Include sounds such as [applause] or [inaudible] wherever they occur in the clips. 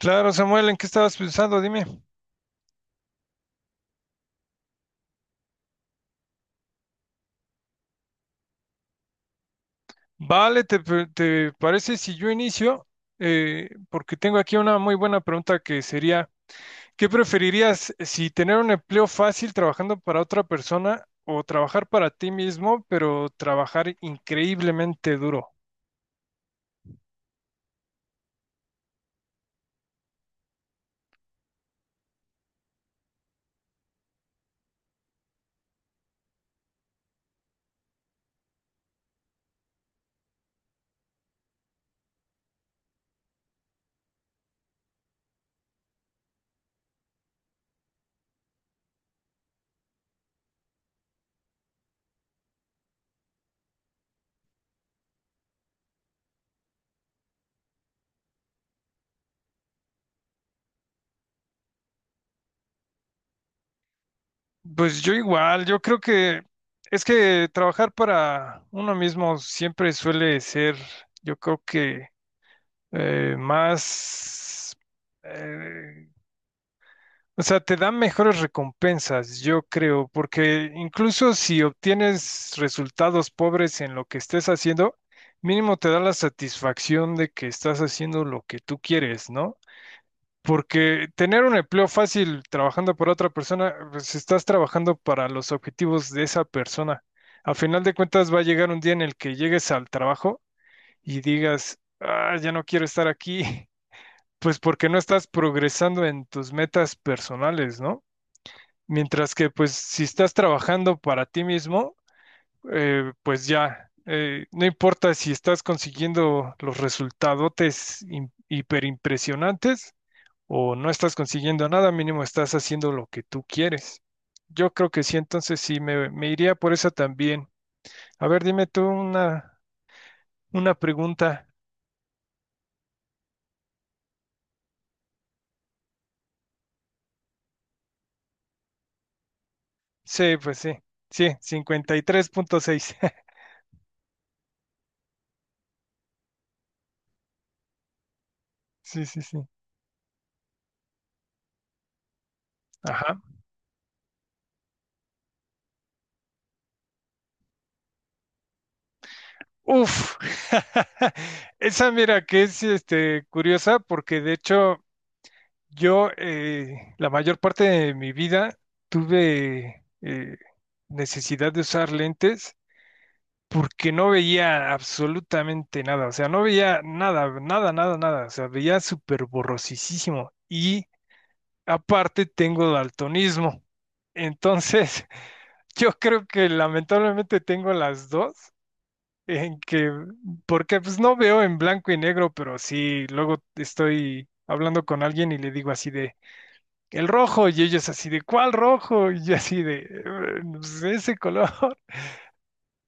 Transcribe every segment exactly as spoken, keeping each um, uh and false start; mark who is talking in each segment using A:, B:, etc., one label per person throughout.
A: Claro, Samuel, ¿en qué estabas pensando? Dime. Vale, ¿te, pe- te parece si yo inicio? Eh, porque tengo aquí una muy buena pregunta que sería, ¿qué preferirías si tener un empleo fácil trabajando para otra persona o trabajar para ti mismo, pero trabajar increíblemente duro? Pues yo igual, yo creo que es que trabajar para uno mismo siempre suele ser, yo creo que eh, más... eh, o sea, te dan mejores recompensas, yo creo, porque incluso si obtienes resultados pobres en lo que estés haciendo, mínimo te da la satisfacción de que estás haciendo lo que tú quieres, ¿no? Porque tener un empleo fácil trabajando para otra persona, pues estás trabajando para los objetivos de esa persona. A final de cuentas va a llegar un día en el que llegues al trabajo y digas, ah, ya no quiero estar aquí, [laughs] pues porque no estás progresando en tus metas personales, ¿no? Mientras que, pues, si estás trabajando para ti mismo, eh, pues ya, eh, no importa si estás consiguiendo los resultadotes im- hiperimpresionantes o no estás consiguiendo nada, mínimo estás haciendo lo que tú quieres. Yo creo que sí, entonces sí, me, me iría por eso también. A ver, dime tú una, una, pregunta. Sí, pues sí, sí, cincuenta y tres punto seis. [laughs] Sí, sí, sí. Ajá. Uf, [laughs] esa mira que es este, curiosa, porque de hecho yo eh, la mayor parte de mi vida tuve eh, necesidad de usar lentes porque no veía absolutamente nada, o sea, no veía nada, nada, nada, nada, o sea, veía súper borrosísimo y aparte tengo daltonismo, entonces [laughs] yo creo que lamentablemente tengo las dos en que, porque pues no veo en blanco y negro, pero sí, luego estoy hablando con alguien y le digo así de, el rojo, y ellos así de, ¿cuál rojo? Y yo así de, "Eh, pues ese color". [laughs]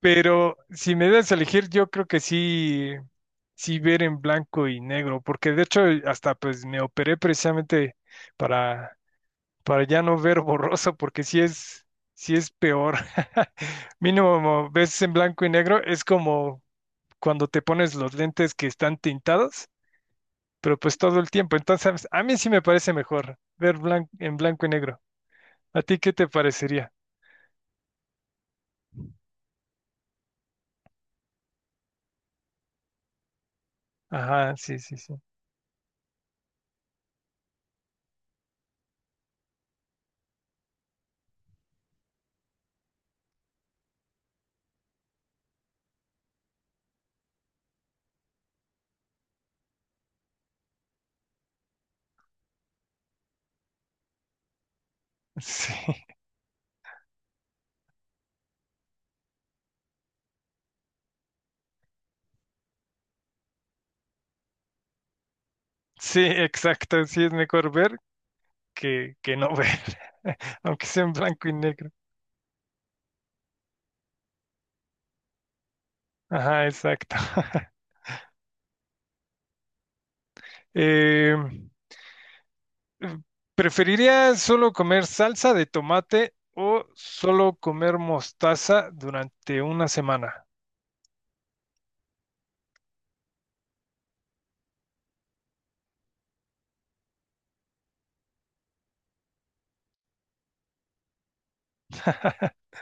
A: Pero si me das a elegir, yo creo que sí, sí ver en blanco y negro, porque de hecho hasta pues me operé precisamente para, para ya no ver borroso, porque sí es, sí es peor. [laughs] Mínimo ves en blanco y negro, es como cuando te pones los lentes que están tintados, pero pues todo el tiempo. Entonces, a mí sí me parece mejor ver blan- en blanco y negro. ¿A ti qué te parecería? Ajá, sí, sí, sí. Sí, [laughs] sí, exacto. Sí es mejor ver que, que no ver, [laughs] aunque sea en blanco y negro. Ajá, exacto. [laughs] Eh, ¿Preferiría solo comer salsa de tomate o solo comer mostaza durante una semana? [laughs]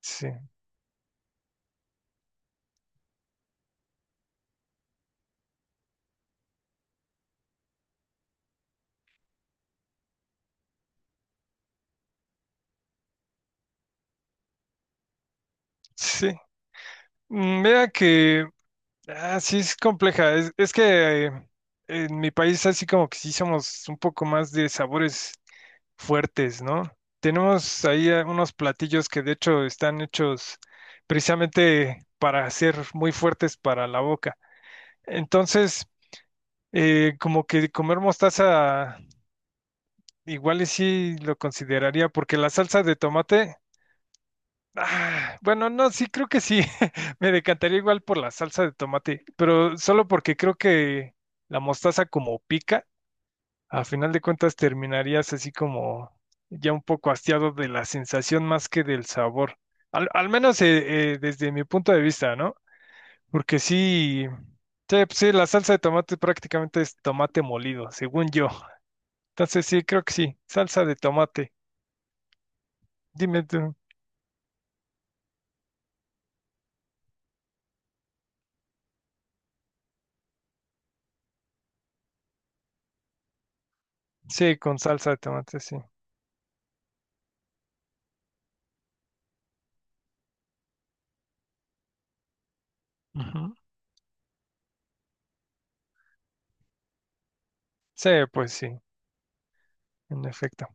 A: Sí, sí. Mm, Vea que Ah, sí, es compleja. Es, es que eh, en mi país así como que sí somos un poco más de sabores fuertes, ¿no? Tenemos ahí eh, unos platillos que de hecho están hechos precisamente para ser muy fuertes para la boca. Entonces, eh, como que comer mostaza igual y sí lo consideraría, porque la salsa de tomate. Ah, bueno, no, sí, creo que sí. [laughs] Me decantaría igual por la salsa de tomate, pero solo porque creo que la mostaza como pica, a final de cuentas terminarías así como ya un poco hastiado de la sensación más que del sabor. Al, al menos eh, eh, desde mi punto de vista, ¿no? Porque sí, sí, pues sí, la salsa de tomate prácticamente es tomate molido, según yo. Entonces sí, creo que sí, salsa de tomate. Dime tú. Sí, con salsa de tomate, sí. Ujú. Sí, pues sí. En efecto.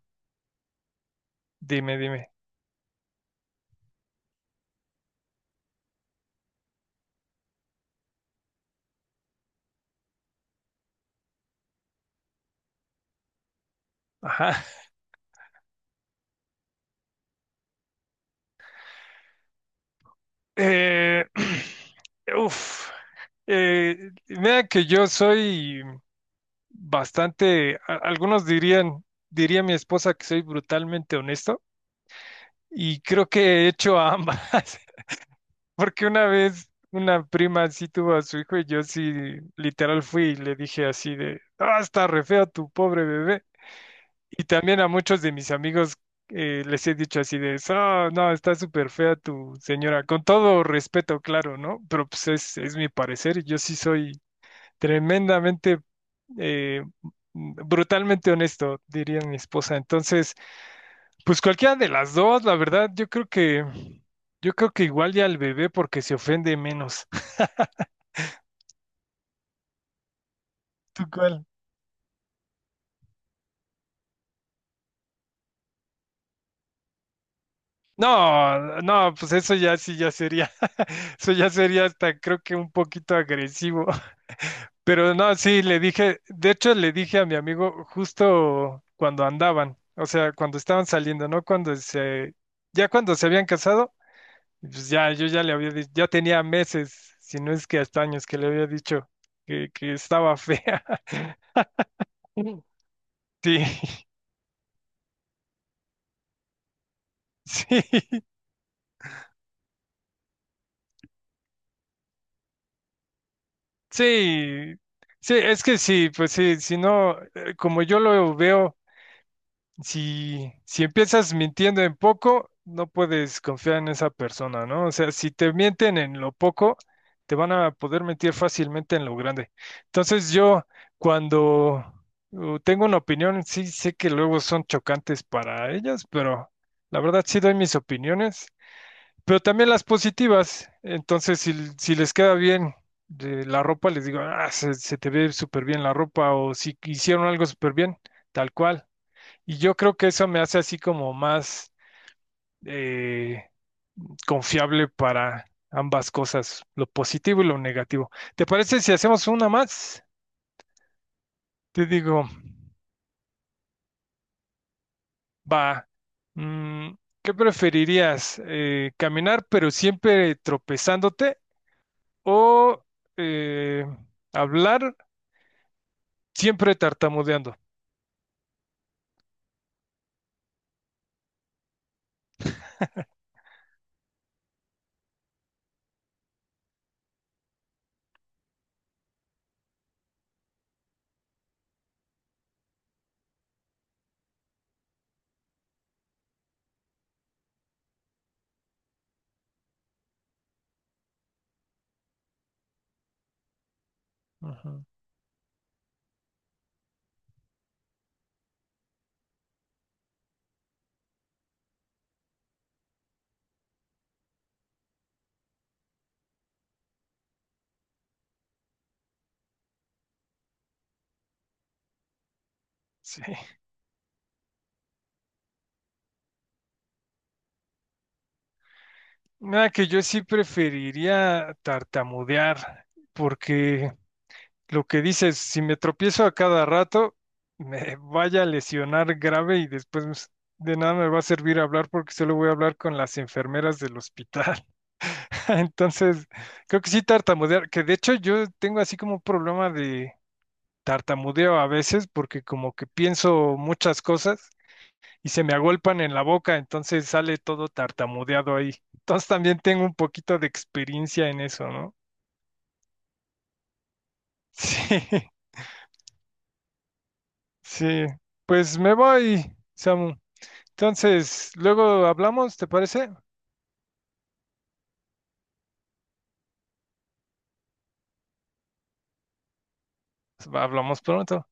A: Dime, dime. Ajá. [laughs] Eh, [clears throat] uf. Eh, mira que yo soy bastante, a- algunos dirían, diría mi esposa que soy brutalmente honesto, y creo que he hecho a ambas, [laughs] porque una vez una prima sí tuvo a su hijo y yo sí literal fui y le dije así de, ah, está re feo tu pobre bebé. Y también a muchos de mis amigos eh, les he dicho así de, oh, no, está súper fea tu señora, con todo respeto, claro, ¿no? Pero pues es, es mi parecer, y yo sí soy tremendamente, eh, brutalmente honesto, diría mi esposa. Entonces, pues cualquiera de las dos, la verdad, yo creo que, yo creo que igual ya al bebé, porque se ofende menos. [laughs] ¿Tú cuál? No, no, pues eso ya sí ya sería, [laughs] eso ya sería hasta creo que un poquito agresivo. Pero no, sí, le dije, de hecho le dije a mi amigo justo cuando andaban, o sea, cuando estaban saliendo, ¿no? Cuando se, ya cuando se habían casado, pues ya, yo ya le había dicho, ya tenía meses, si no es que hasta años que le había dicho que, que estaba fea. [laughs] Sí, [laughs] sí, sí, sí, es que sí, pues sí, si no, eh, como yo lo veo. Si, si empiezas mintiendo en poco, no puedes confiar en esa persona, ¿no? O sea, si te mienten en lo poco, te van a poder mentir fácilmente en lo grande. Entonces yo, cuando uh, tengo una opinión, sí sé que luego son chocantes para ellas, pero la verdad sí doy mis opiniones, pero también las positivas. Entonces, si, si les queda bien. De la ropa les digo, ah, se, se te ve súper bien la ropa, o si hicieron algo súper bien, tal cual. Y yo creo que eso me hace así como más eh, confiable para ambas cosas, lo positivo y lo negativo. ¿Te parece si hacemos una más? Te digo, va, mm, ¿qué preferirías? Eh, ¿caminar pero siempre tropezándote o eh, hablar siempre tartamudeando? Ajá. Sí. Nada, que yo sí preferiría tartamudear, porque lo que dices, si me tropiezo a cada rato, me vaya a lesionar grave, y después pues, de nada me va a servir hablar porque solo voy a hablar con las enfermeras del hospital. [laughs] Entonces, creo que sí tartamudear, que de hecho yo tengo así como un problema de tartamudeo a veces, porque como que pienso muchas cosas y se me agolpan en la boca, entonces sale todo tartamudeado ahí. Entonces también tengo un poquito de experiencia en eso, ¿no? [laughs] Sí, sí. Pues me voy, Samu. Entonces, luego hablamos, ¿te parece? Hablamos pronto.